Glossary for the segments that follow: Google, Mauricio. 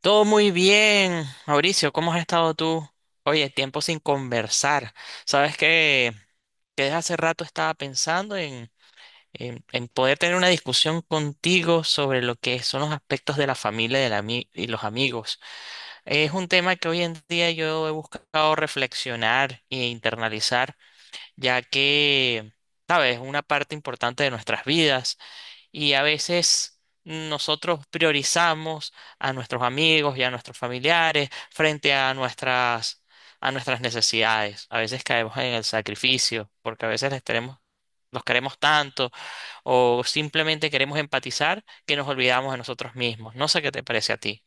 Todo muy bien, Mauricio, ¿cómo has estado tú? Oye, tiempo sin conversar. Sabes que, desde hace rato estaba pensando en poder tener una discusión contigo sobre lo que son los aspectos de la familia y, y los amigos. Es un tema que hoy en día yo he buscado reflexionar e internalizar, ya que, sabes, es una parte importante de nuestras vidas. Y a veces nosotros priorizamos a nuestros amigos y a nuestros familiares frente a a nuestras necesidades. A veces caemos en el sacrificio porque a veces les tenemos, los queremos tanto o simplemente queremos empatizar que nos olvidamos de nosotros mismos. No sé qué te parece a ti.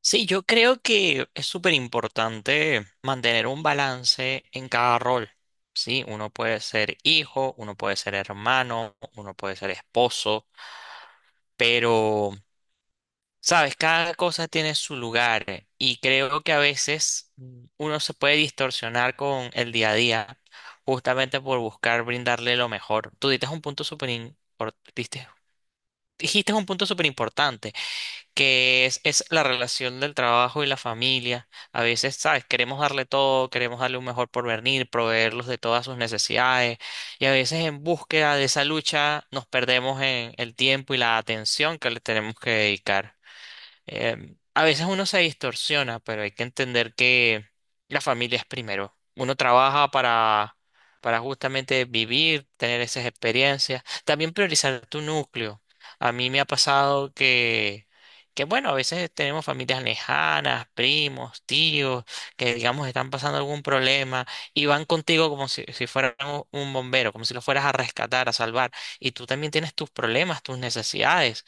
Sí, yo creo que es súper importante mantener un balance en cada rol. Sí, uno puede ser hijo, uno puede ser hermano, uno puede ser esposo. Pero, sabes, cada cosa tiene su lugar, y creo que a veces uno se puede distorsionar con el día a día justamente por buscar brindarle lo mejor. Tú dices un punto dijiste un punto súper importante, es la relación del trabajo y la familia. A veces, sabes, queremos darle todo, queremos darle un mejor porvenir, proveerlos de todas sus necesidades y a veces en búsqueda de esa lucha nos perdemos en el tiempo y la atención que le tenemos que dedicar. A veces uno se distorsiona, pero hay que entender que la familia es primero. Uno trabaja para justamente vivir, tener esas experiencias, también priorizar tu núcleo. A mí me ha pasado que bueno, a veces tenemos familias lejanas, primos, tíos, que digamos están pasando algún problema y van contigo como si fueran un bombero, como si lo fueras a rescatar, a salvar. Y tú también tienes tus problemas, tus necesidades.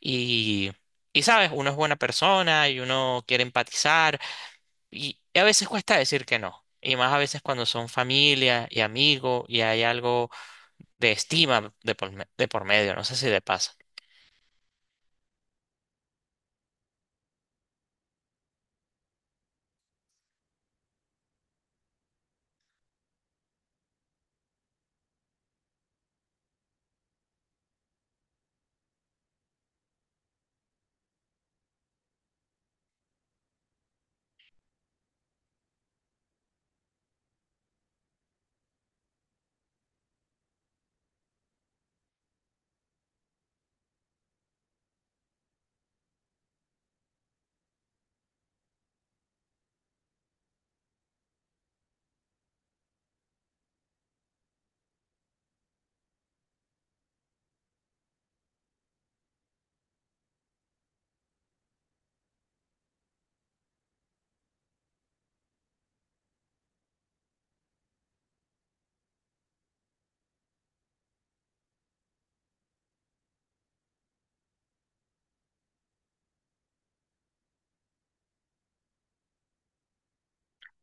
Y, y sabes, uno es buena persona y uno quiere empatizar y a veces cuesta decir que no. Y más a veces cuando son familia y amigos y hay algo de estima de por medio, no sé si te pasa.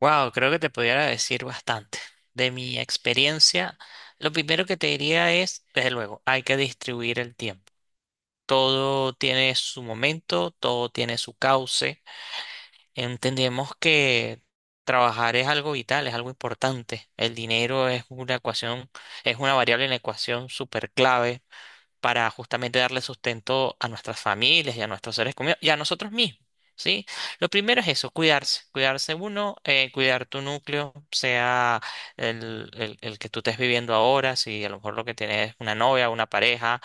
Wow, creo que te pudiera decir bastante. De mi experiencia, lo primero que te diría es, desde luego, hay que distribuir el tiempo. Todo tiene su momento, todo tiene su cauce. Entendemos que trabajar es algo vital, es algo importante. El dinero es una ecuación, es una variable en la ecuación súper clave para justamente darle sustento a nuestras familias y a nuestros seres queridos y a nosotros mismos, ¿sí? Lo primero es eso, cuidarse, cuidarse uno, cuidar tu núcleo, sea el que tú estés viviendo ahora, si a lo mejor lo que tienes es una novia, una pareja,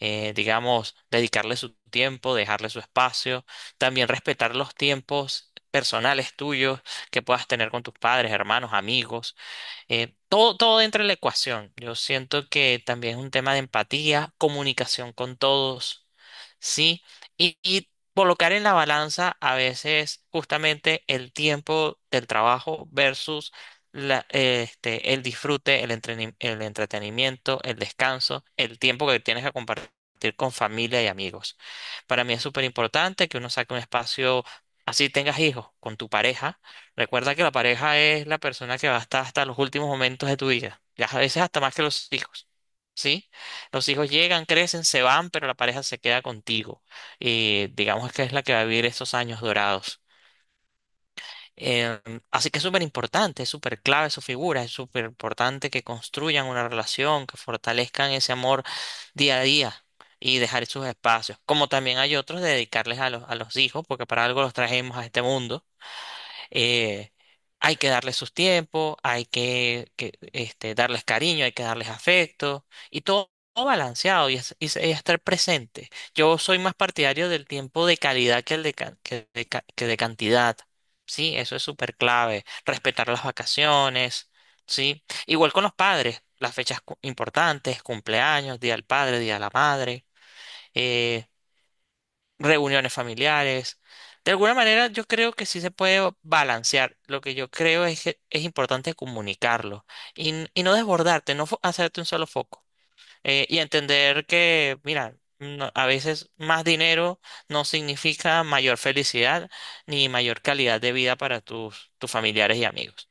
digamos, dedicarle su tiempo, dejarle su espacio, también respetar los tiempos personales tuyos que puedas tener con tus padres, hermanos, amigos, todo entra en la ecuación. Yo siento que también es un tema de empatía, comunicación con todos, ¿sí? Y colocar en la balanza a veces justamente el tiempo del trabajo versus el disfrute, el entretenimiento, el descanso, el tiempo que tienes que compartir con familia y amigos. Para mí es súper importante que uno saque un espacio, así tengas hijos, con tu pareja. Recuerda que la pareja es la persona que va a estar hasta los últimos momentos de tu vida, ya a veces hasta más que los hijos, ¿sí? Los hijos llegan, crecen, se van, pero la pareja se queda contigo. Y digamos que es la que va a vivir esos años dorados. Em, Así que es súper importante, es súper clave su figura, es súper importante que construyan una relación, que fortalezcan ese amor día a día y dejar sus espacios. Como también hay otros de dedicarles a a los hijos, porque para algo los trajimos a este mundo. eh, Hay que darles sus tiempos, hay que, darles cariño, hay que darles afecto y todo balanceado y, y estar presente. Yo soy más partidario del tiempo de calidad que el de, ca- que de, ca- que de cantidad. Sí, eso es súper clave. Respetar las vacaciones, sí. Igual con los padres, las fechas importantes, cumpleaños, día del padre, día de la madre. eh, Reuniones familiares. De alguna manera, yo creo que sí se puede balancear. Lo que yo creo es que es importante comunicarlo y, y no desbordarte, no fo- hacerte un solo foco. Y entender que, mira, a veces más dinero no significa mayor felicidad ni mayor calidad de vida para tus familiares y amigos.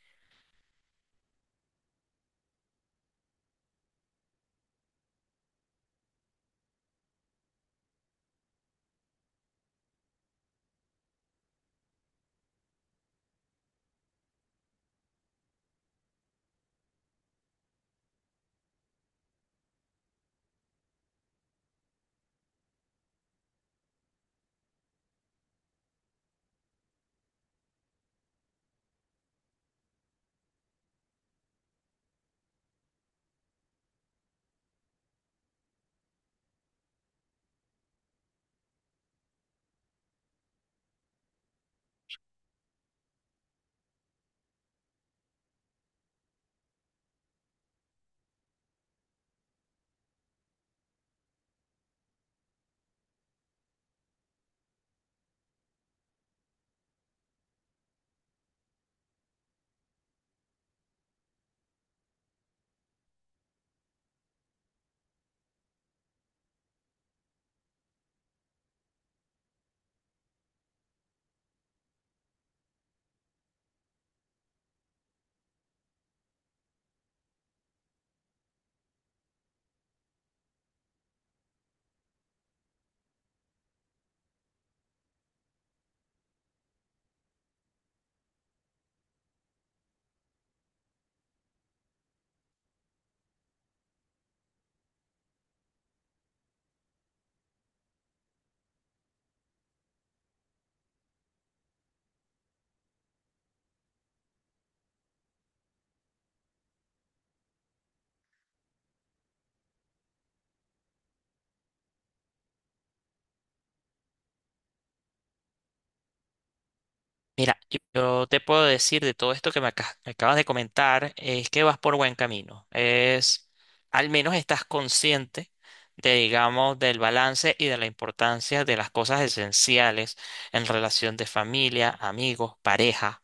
Mira, yo te puedo decir de todo esto que me acabas de comentar, es que vas por buen camino. Es, al menos estás consciente de, digamos, del balance y de la importancia de las cosas esenciales en relación de familia, amigos, pareja.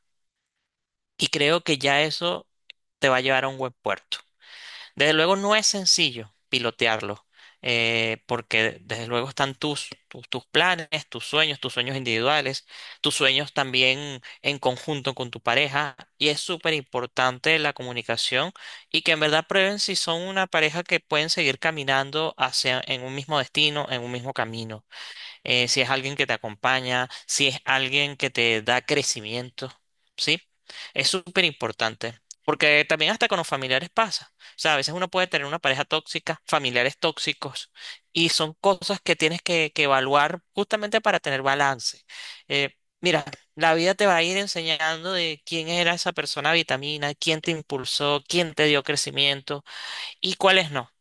Y creo que ya eso te va a llevar a un buen puerto. Desde luego no es sencillo pilotearlo, porque desde luego están tus planes, tus sueños individuales, tus sueños también en conjunto con tu pareja, y es súper importante la comunicación y que en verdad prueben si son una pareja que pueden seguir caminando hacia en un mismo destino, en un mismo camino, si es alguien que te acompaña, si es alguien que te da crecimiento, ¿sí? Es súper importante, porque también hasta con los familiares pasa. O sea, a veces uno puede tener una pareja tóxica, familiares tóxicos, y son cosas que tienes que evaluar justamente para tener balance. Eh, Mira, la vida te va a ir enseñando de quién era esa persona vitamina, quién te impulsó, quién te dio crecimiento y cuáles no.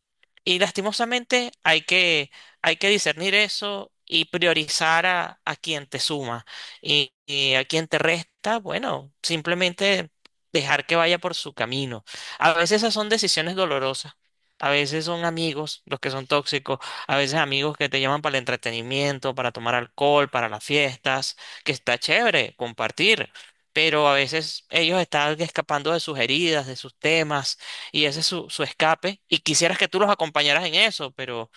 Y lastimosamente hay que discernir eso y priorizar a quien te suma y a quien te resta, bueno, simplemente dejar que vaya por su camino. A veces esas son decisiones dolorosas, a veces son amigos los que son tóxicos, a veces amigos que te llaman para el entretenimiento, para tomar alcohol, para las fiestas, que está chévere compartir. Pero a veces ellos están escapando de sus heridas, de sus temas, y ese es su escape. Y quisieras que tú los acompañaras en eso, pero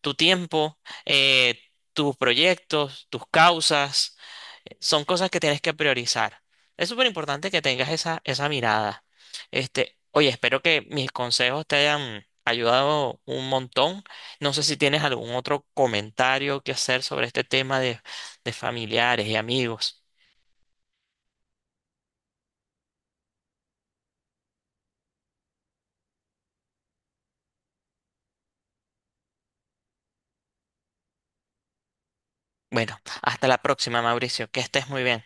tu tiempo, eh, tus proyectos, tus causas, son cosas que tienes que priorizar. Es súper importante que tengas esa mirada. Este, oye, espero que mis consejos te hayan ayudado un montón. No sé si tienes algún otro comentario que hacer sobre este tema de familiares y amigos. Bueno, hasta la próxima, Mauricio. Que estés muy bien.